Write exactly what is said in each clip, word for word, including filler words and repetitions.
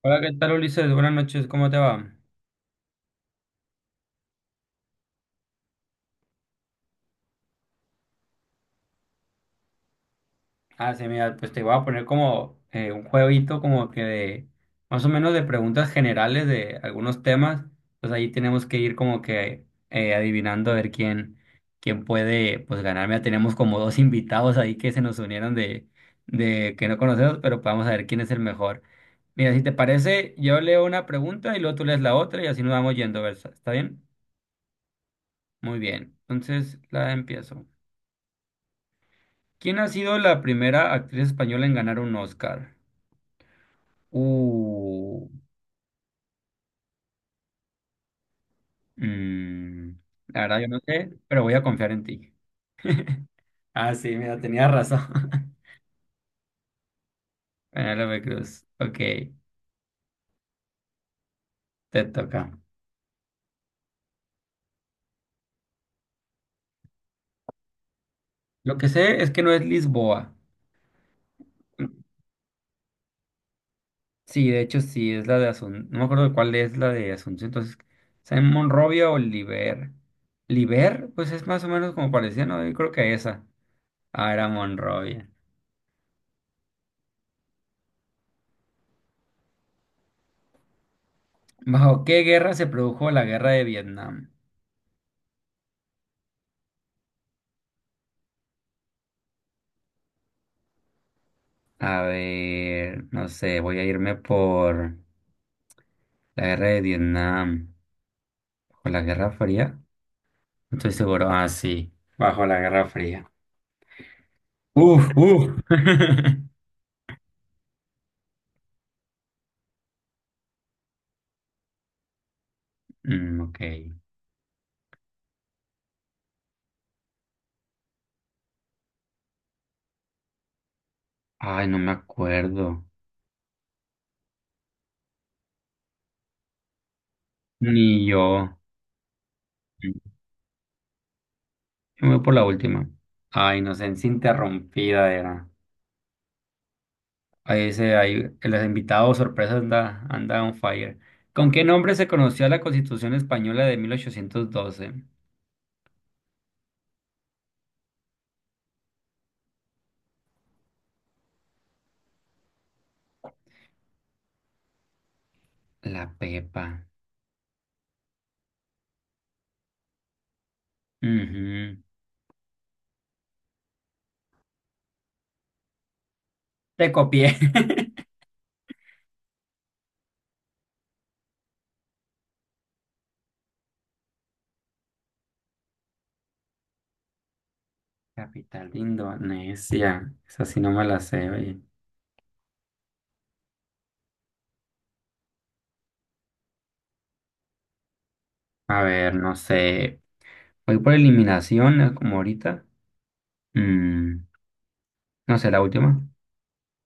Hola, ¿qué tal Ulises? Buenas noches, ¿cómo te va? Ah, sí, mira, pues te voy a poner como eh, un jueguito como que de más o menos de preguntas generales de algunos temas. Pues ahí tenemos que ir como que eh, adivinando a ver quién, quién puede pues ganar. Mira, tenemos como dos invitados ahí que se nos unieron de, de que no conocemos, pero pues vamos a ver quién es el mejor. Mira, si te parece, yo leo una pregunta y luego tú lees la otra y así nos vamos yendo, ¿verdad? ¿Está bien? Muy bien. Entonces la empiezo. ¿Quién ha sido la primera actriz española en ganar un Oscar? Uh, mm, la verdad yo no sé, pero voy a confiar en ti. Ah, sí, mira, tenía razón. Penélope Cruz. Ok, te toca. Lo que sé es que no es Lisboa. Sí, de hecho sí, es la de Asunción. No me acuerdo de cuál es la de Asunción. Entonces, ¿sea en Monrovia o Liber? Liber, pues es más o menos como parecía, ¿no? Yo creo que esa. Ah, era Monrovia. ¿Bajo qué guerra se produjo la guerra de Vietnam? A ver, no sé, voy a irme por la guerra de Vietnam, o la Guerra Fría. No estoy seguro. Ah, sí, bajo la Guerra Fría. Uf, uf. Mm, ok. Ay, no me acuerdo. Ni yo. Yo me voy por la última. Ah, inocencia interrumpida era. Ahí dice, ahí, los invitados sorpresa anda, anda on fire. ¿Con qué nombre se conoció la Constitución Española de mil ochocientos doce? La Pepa. Ujú. Te copié. Capital de Indonesia. Esa sí no me la sé, oye. A ver, no sé. Voy por eliminación, eh, como ahorita. Mm, no sé, la última.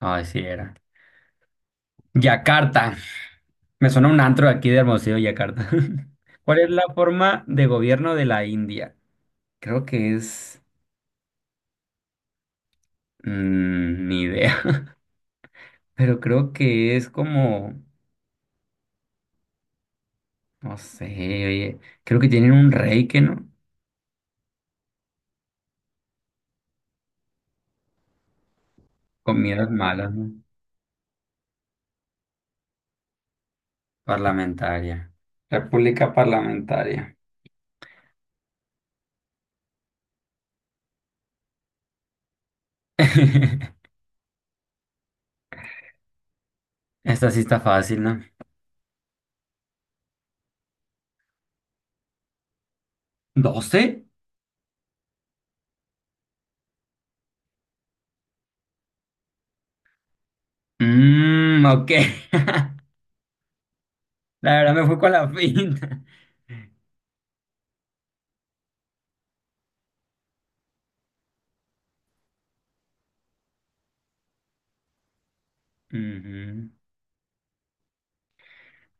Ay, sí era. Yakarta. Me suena un antro de aquí de Hermosillo, Yakarta. ¿Cuál es la forma de gobierno de la India? Creo que es... mm, ni idea. Pero creo que es como... No sé, oye. Creo que tienen un rey que no. Con Comidas malas, ¿no? Parlamentaria. República Parlamentaria. Esta sí está fácil, ¿no? ¿Doce? Mmm, ok. La verdad me fui con la finta. Ujú.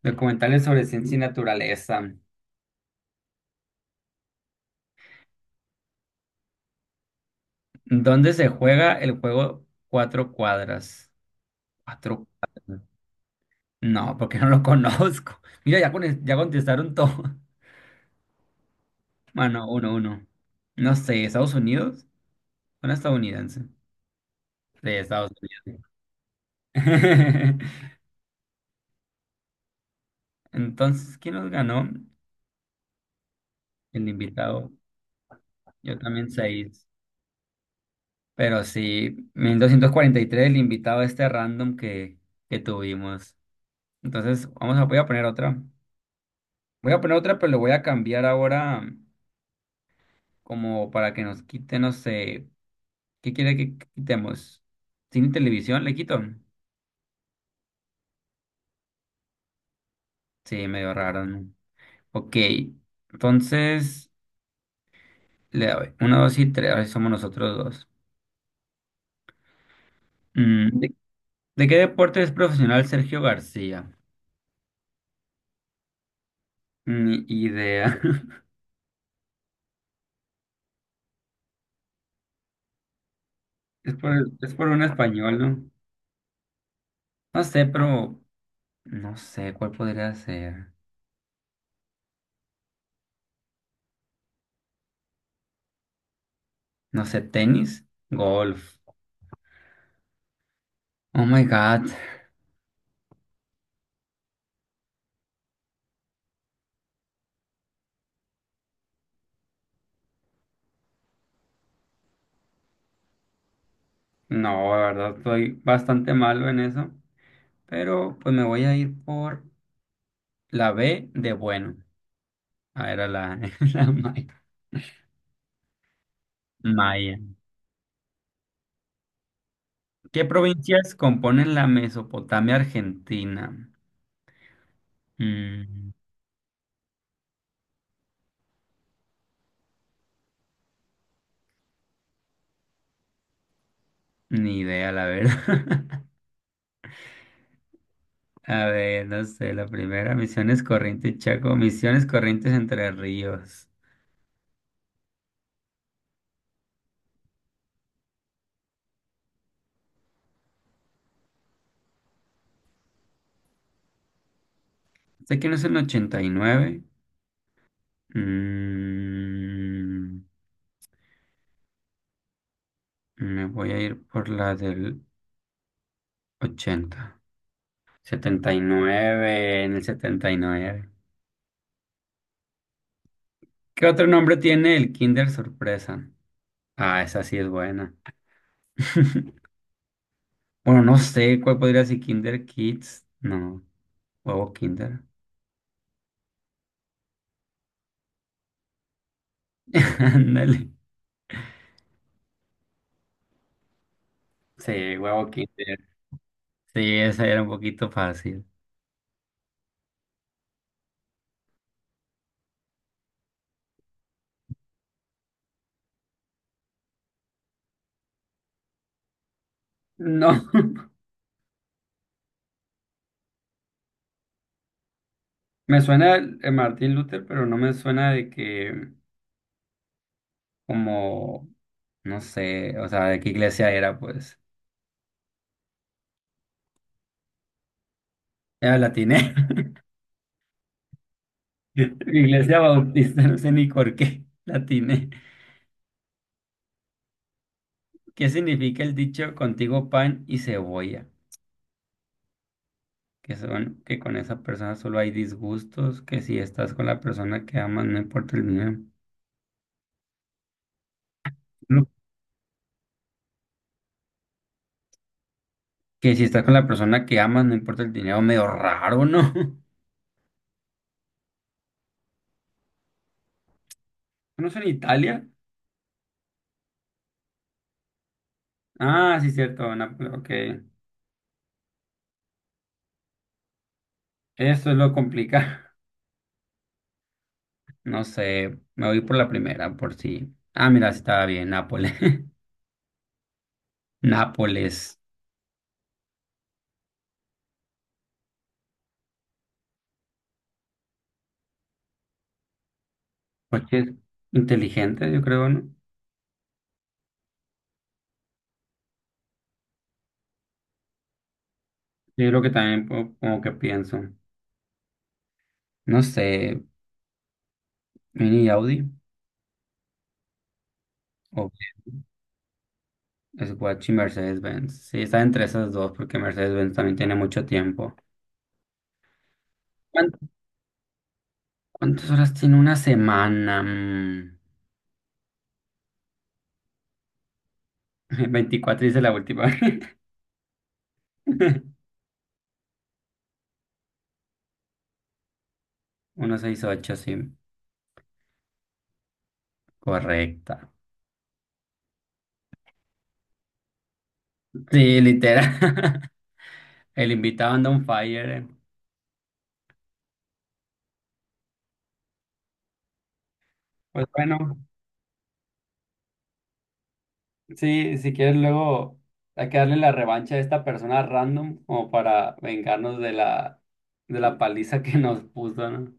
Documentales sobre ciencia y naturaleza. ¿Dónde se juega el juego Cuatro Cuadras? Cuatro. Cuadras. No, porque no lo conozco. Mira, ya, con- ya contestaron todo. Bueno, uno, uno. No sé, ¿Estados Unidos? ¿Una estadounidense? De Estados Unidos. Entonces, ¿quién los ganó? El invitado, yo también seis. Pero sí, mil doscientos cuarenta y tres el invitado este random que, que tuvimos. Entonces, vamos a, voy a poner otra. Voy a poner otra, pero le voy a cambiar ahora como para que nos quite, no sé, ¿qué quiere que quitemos? ¿Cine y televisión le quito? Sí, medio raro, ¿no? Ok, entonces, le doy. Uno, dos y tres, ahora sí somos nosotros dos. Mm, ¿de, de qué deporte es profesional Sergio García? Ni idea. Es por, es por un español, ¿no? No sé, pero no sé cuál podría ser. No sé, tenis, golf. Oh my God. No, la verdad estoy bastante malo en eso. Pero pues me voy a ir por la B de bueno. Ah, era la, la maya. Maya. ¿Qué provincias componen la Mesopotamia argentina? Mm, ni idea, la verdad. A ver, no sé, la primera, Misiones Corrientes Chaco, Misiones Corrientes Entre Ríos. Sé que no es el ochenta y nueve. Mm, me voy a ir por la del ochenta. Setenta y nueve, en el setenta y nueve. ¿Qué otro nombre tiene el Kinder Sorpresa? Ah, esa sí es buena. Bueno, no sé cuál podría ser Kinder Kids. No, huevo Kinder. Ándale. Sí, huevo Kinder. Sí, esa era un poquito fácil. No, me suena el Martín Luther, pero no me suena de que como, no sé, o sea, de qué iglesia era, pues. Era latiné. Iglesia Bautista, no sé ni por qué. Latiné. ¿Qué significa el dicho contigo pan y cebolla? Que son que con esa persona solo hay disgustos, que si estás con la persona que amas, no importa el dinero. No, que si estás con la persona que amas, no importa el dinero, medio raro, ¿no? ¿No es en Italia? Ah, sí, cierto, Nápoles, ok. Eso es lo complicado. No sé, me voy por la primera, por si. Ah, mira, sí estaba bien, Nápoles. Nápoles. Coches inteligentes, yo creo, ¿no? Yo creo que también po- como que pienso. No sé, Mini Audi o Swatch y Mercedes-Benz. Sí, está entre esas dos porque Mercedes-Benz también tiene mucho tiempo. ¿Cuán- ¿Cuántas horas tiene una semana? Mm, veinticuatro dice la última. ciento sesenta y ocho, sí. Correcta. Sí, literal. El invitado anda on fire, eh. Pues bueno, sí, si quieres luego hay que darle la revancha a esta persona random como para vengarnos de la, de la paliza que nos puso, ¿no?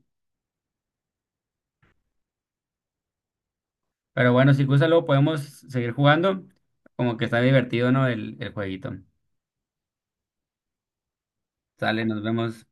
Pero bueno, si gusta, luego podemos seguir jugando. Como que está divertido, ¿no? El, el jueguito. Sale, nos vemos.